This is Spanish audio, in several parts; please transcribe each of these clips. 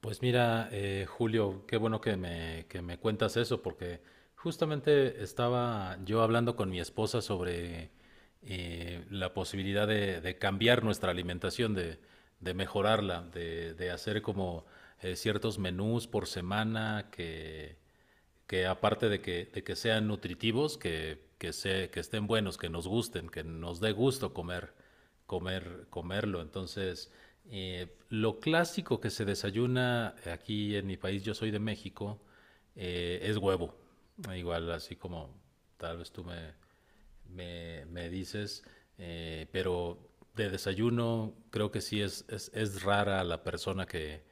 Pues mira, Julio, qué bueno que me cuentas eso, porque justamente estaba yo hablando con mi esposa sobre la posibilidad de cambiar nuestra alimentación, de mejorarla, de hacer como ciertos menús por semana que aparte de que sean nutritivos, que estén buenos, que nos gusten, que nos dé gusto comer, comerlo. Entonces, lo clásico que se desayuna aquí en mi país, yo soy de México, es huevo. Igual, así como tal vez me dices, pero de desayuno creo que es rara la persona que,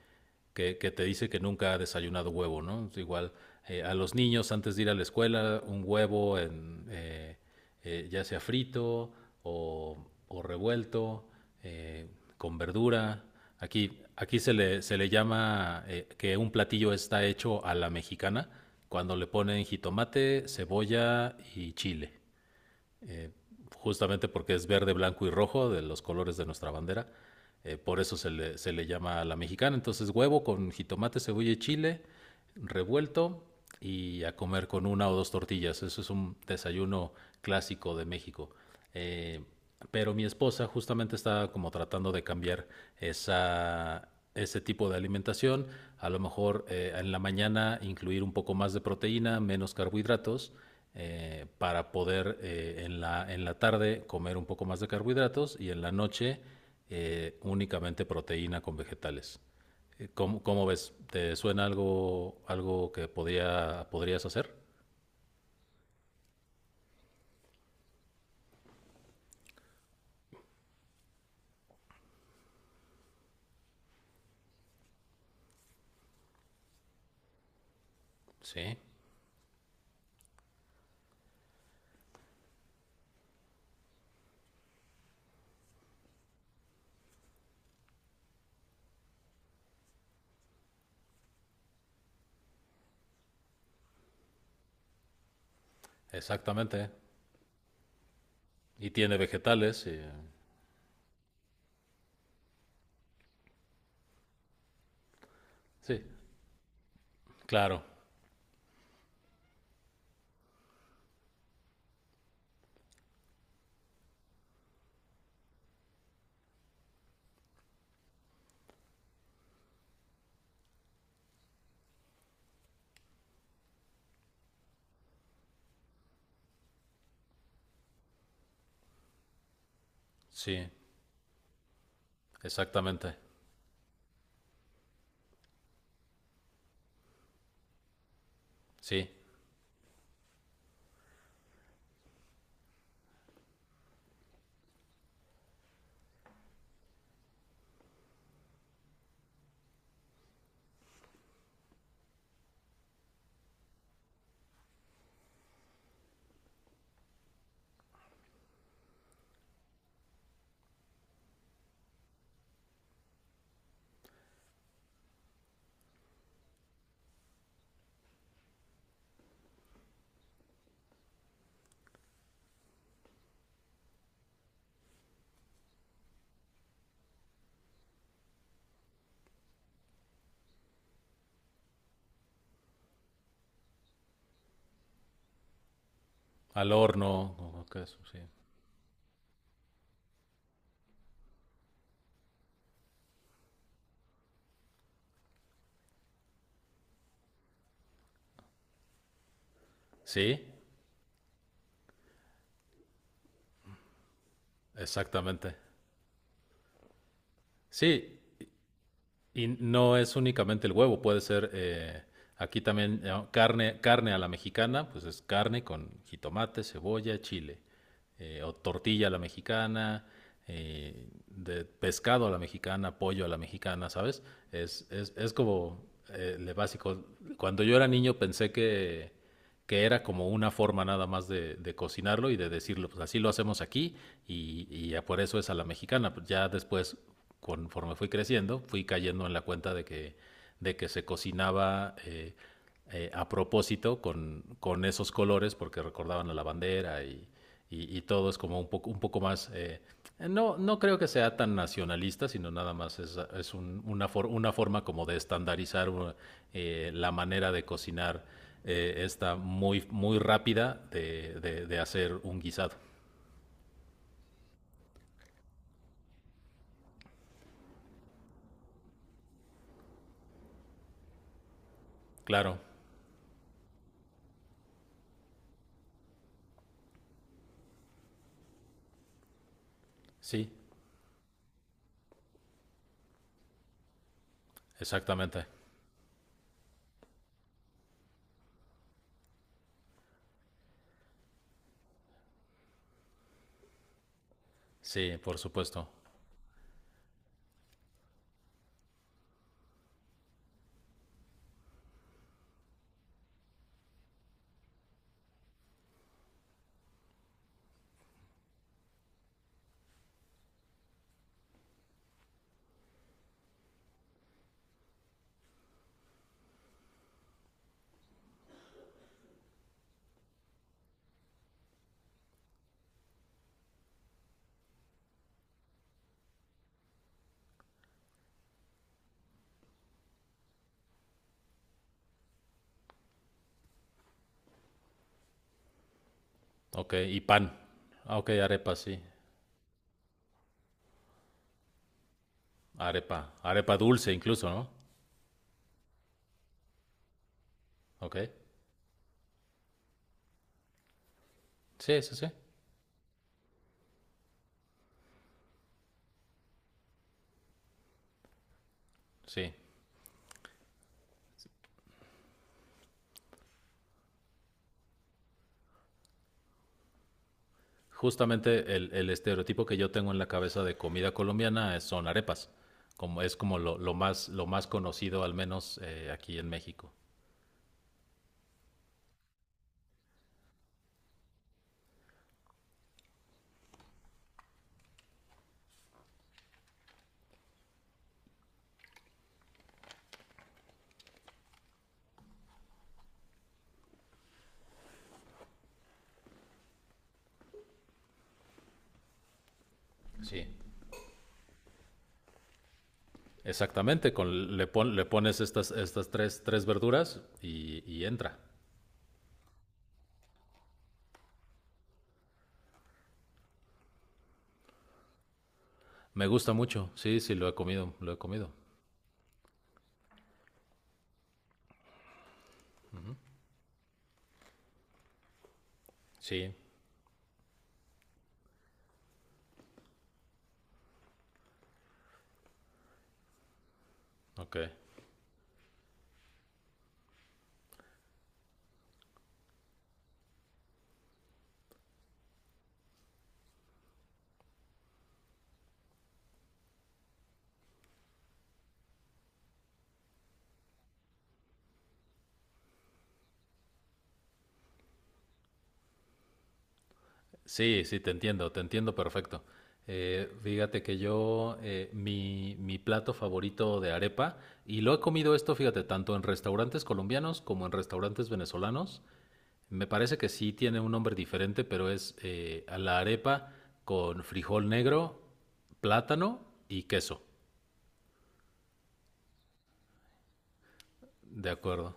que, que te dice que nunca ha desayunado huevo, ¿no? Igual a los niños antes de ir a la escuela, un huevo ya sea frito o, o revuelto, eh, con verdura. Aquí se le llama que un platillo está hecho a la mexicana cuando le ponen jitomate, cebolla y chile. Eh, Justamente porque es verde, blanco y rojo, de los colores de nuestra bandera. Por eso se le llama a la mexicana. Entonces huevo con jitomate, cebolla y chile revuelto y a comer con una o dos tortillas. Eso es un desayuno clásico de México. Eh, pero mi esposa justamente está como tratando de cambiar esa, ese tipo de alimentación. A lo mejor en la mañana incluir un poco más de proteína, menos carbohidratos. Para poder en la tarde comer un poco más de carbohidratos y en la noche únicamente proteína con vegetales. ¿Cómo, cómo ves? ¿Te suena algo, algo que podrías hacer? Sí, exactamente. Y tiene vegetales. Y- Sí, claro. Sí, exactamente. Sí, al horno. O que Sí. Sí, exactamente. Sí, y no es únicamente el huevo, puede ser aquí también carne a la mexicana, pues es carne con jitomate, cebolla, chile. O tortilla a la mexicana, eh, de pescado a la mexicana, pollo a la mexicana, ¿sabes? Es como lo básico. Cuando yo era niño pensé que era como una forma nada más de cocinarlo y de decirlo, pues así lo hacemos aquí y ya por eso es a la mexicana. Ya después, conforme fui creciendo, fui cayendo en la cuenta de que se cocinaba a propósito esos colores porque recordaban a la bandera y, y todo es como un poco más... No, no creo que sea tan nacionalista, sino nada más es un, una, for, una, forma como de estandarizar la manera de cocinar esta muy, muy rápida de hacer un guisado. Claro, sí, exactamente. Sí, por supuesto. Ok, y pan. Ah, ok, arepa, sí. Arepa. Arepa dulce incluso, ¿no? Ok. Sí, sí, sí. Sí. Justamente el estereotipo que yo tengo en la cabeza de comida colombiana es- son arepas. Como es como lo más, lo más conocido al menos, aquí en México. Sí. Exactamente, con le pon- le pones estas tres verduras y entra. Me gusta mucho. Sí, sí lo he comido, lo he comido. Sí. Ok. Sí, sí, te entiendo perfecto. Fíjate que yo, mi plato favorito de arepa, y lo he comido esto, fíjate, tanto en restaurantes colombianos como en restaurantes venezolanos, me parece que sí tiene un nombre diferente, pero es a la arepa con frijol negro, plátano y queso. De acuerdo.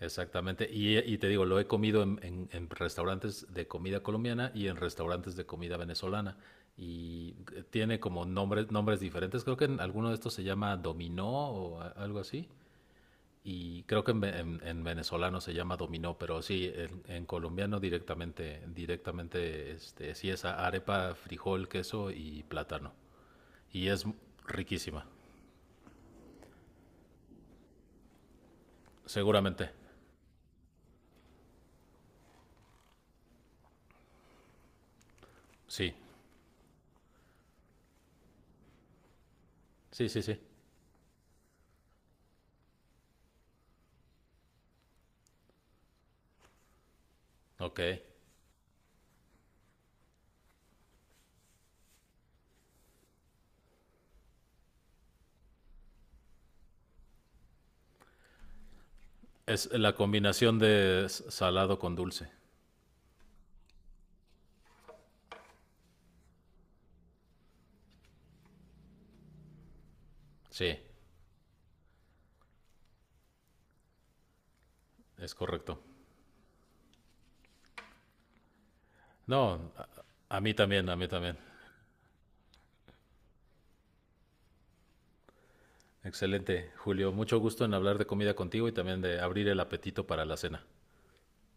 Exactamente. Y te digo, lo he comido en restaurantes de comida colombiana y en restaurantes de comida venezolana. Y tiene como nombres diferentes. Creo que en alguno de estos se llama dominó o a- algo así. Y creo que en venezolano se llama dominó, pero sí, en colombiano directamente, directamente, este, sí es a- arepa, frijol, queso y plátano. Y es riquísima, seguramente. Sí, sí, sí, sí. Ok. Es la combinación de s- salado con dulce. Sí, es correcto. No, a mí también, a mí también. Excelente, Julio. Mucho gusto en hablar de comida contigo y también de abrir el apetito para la cena.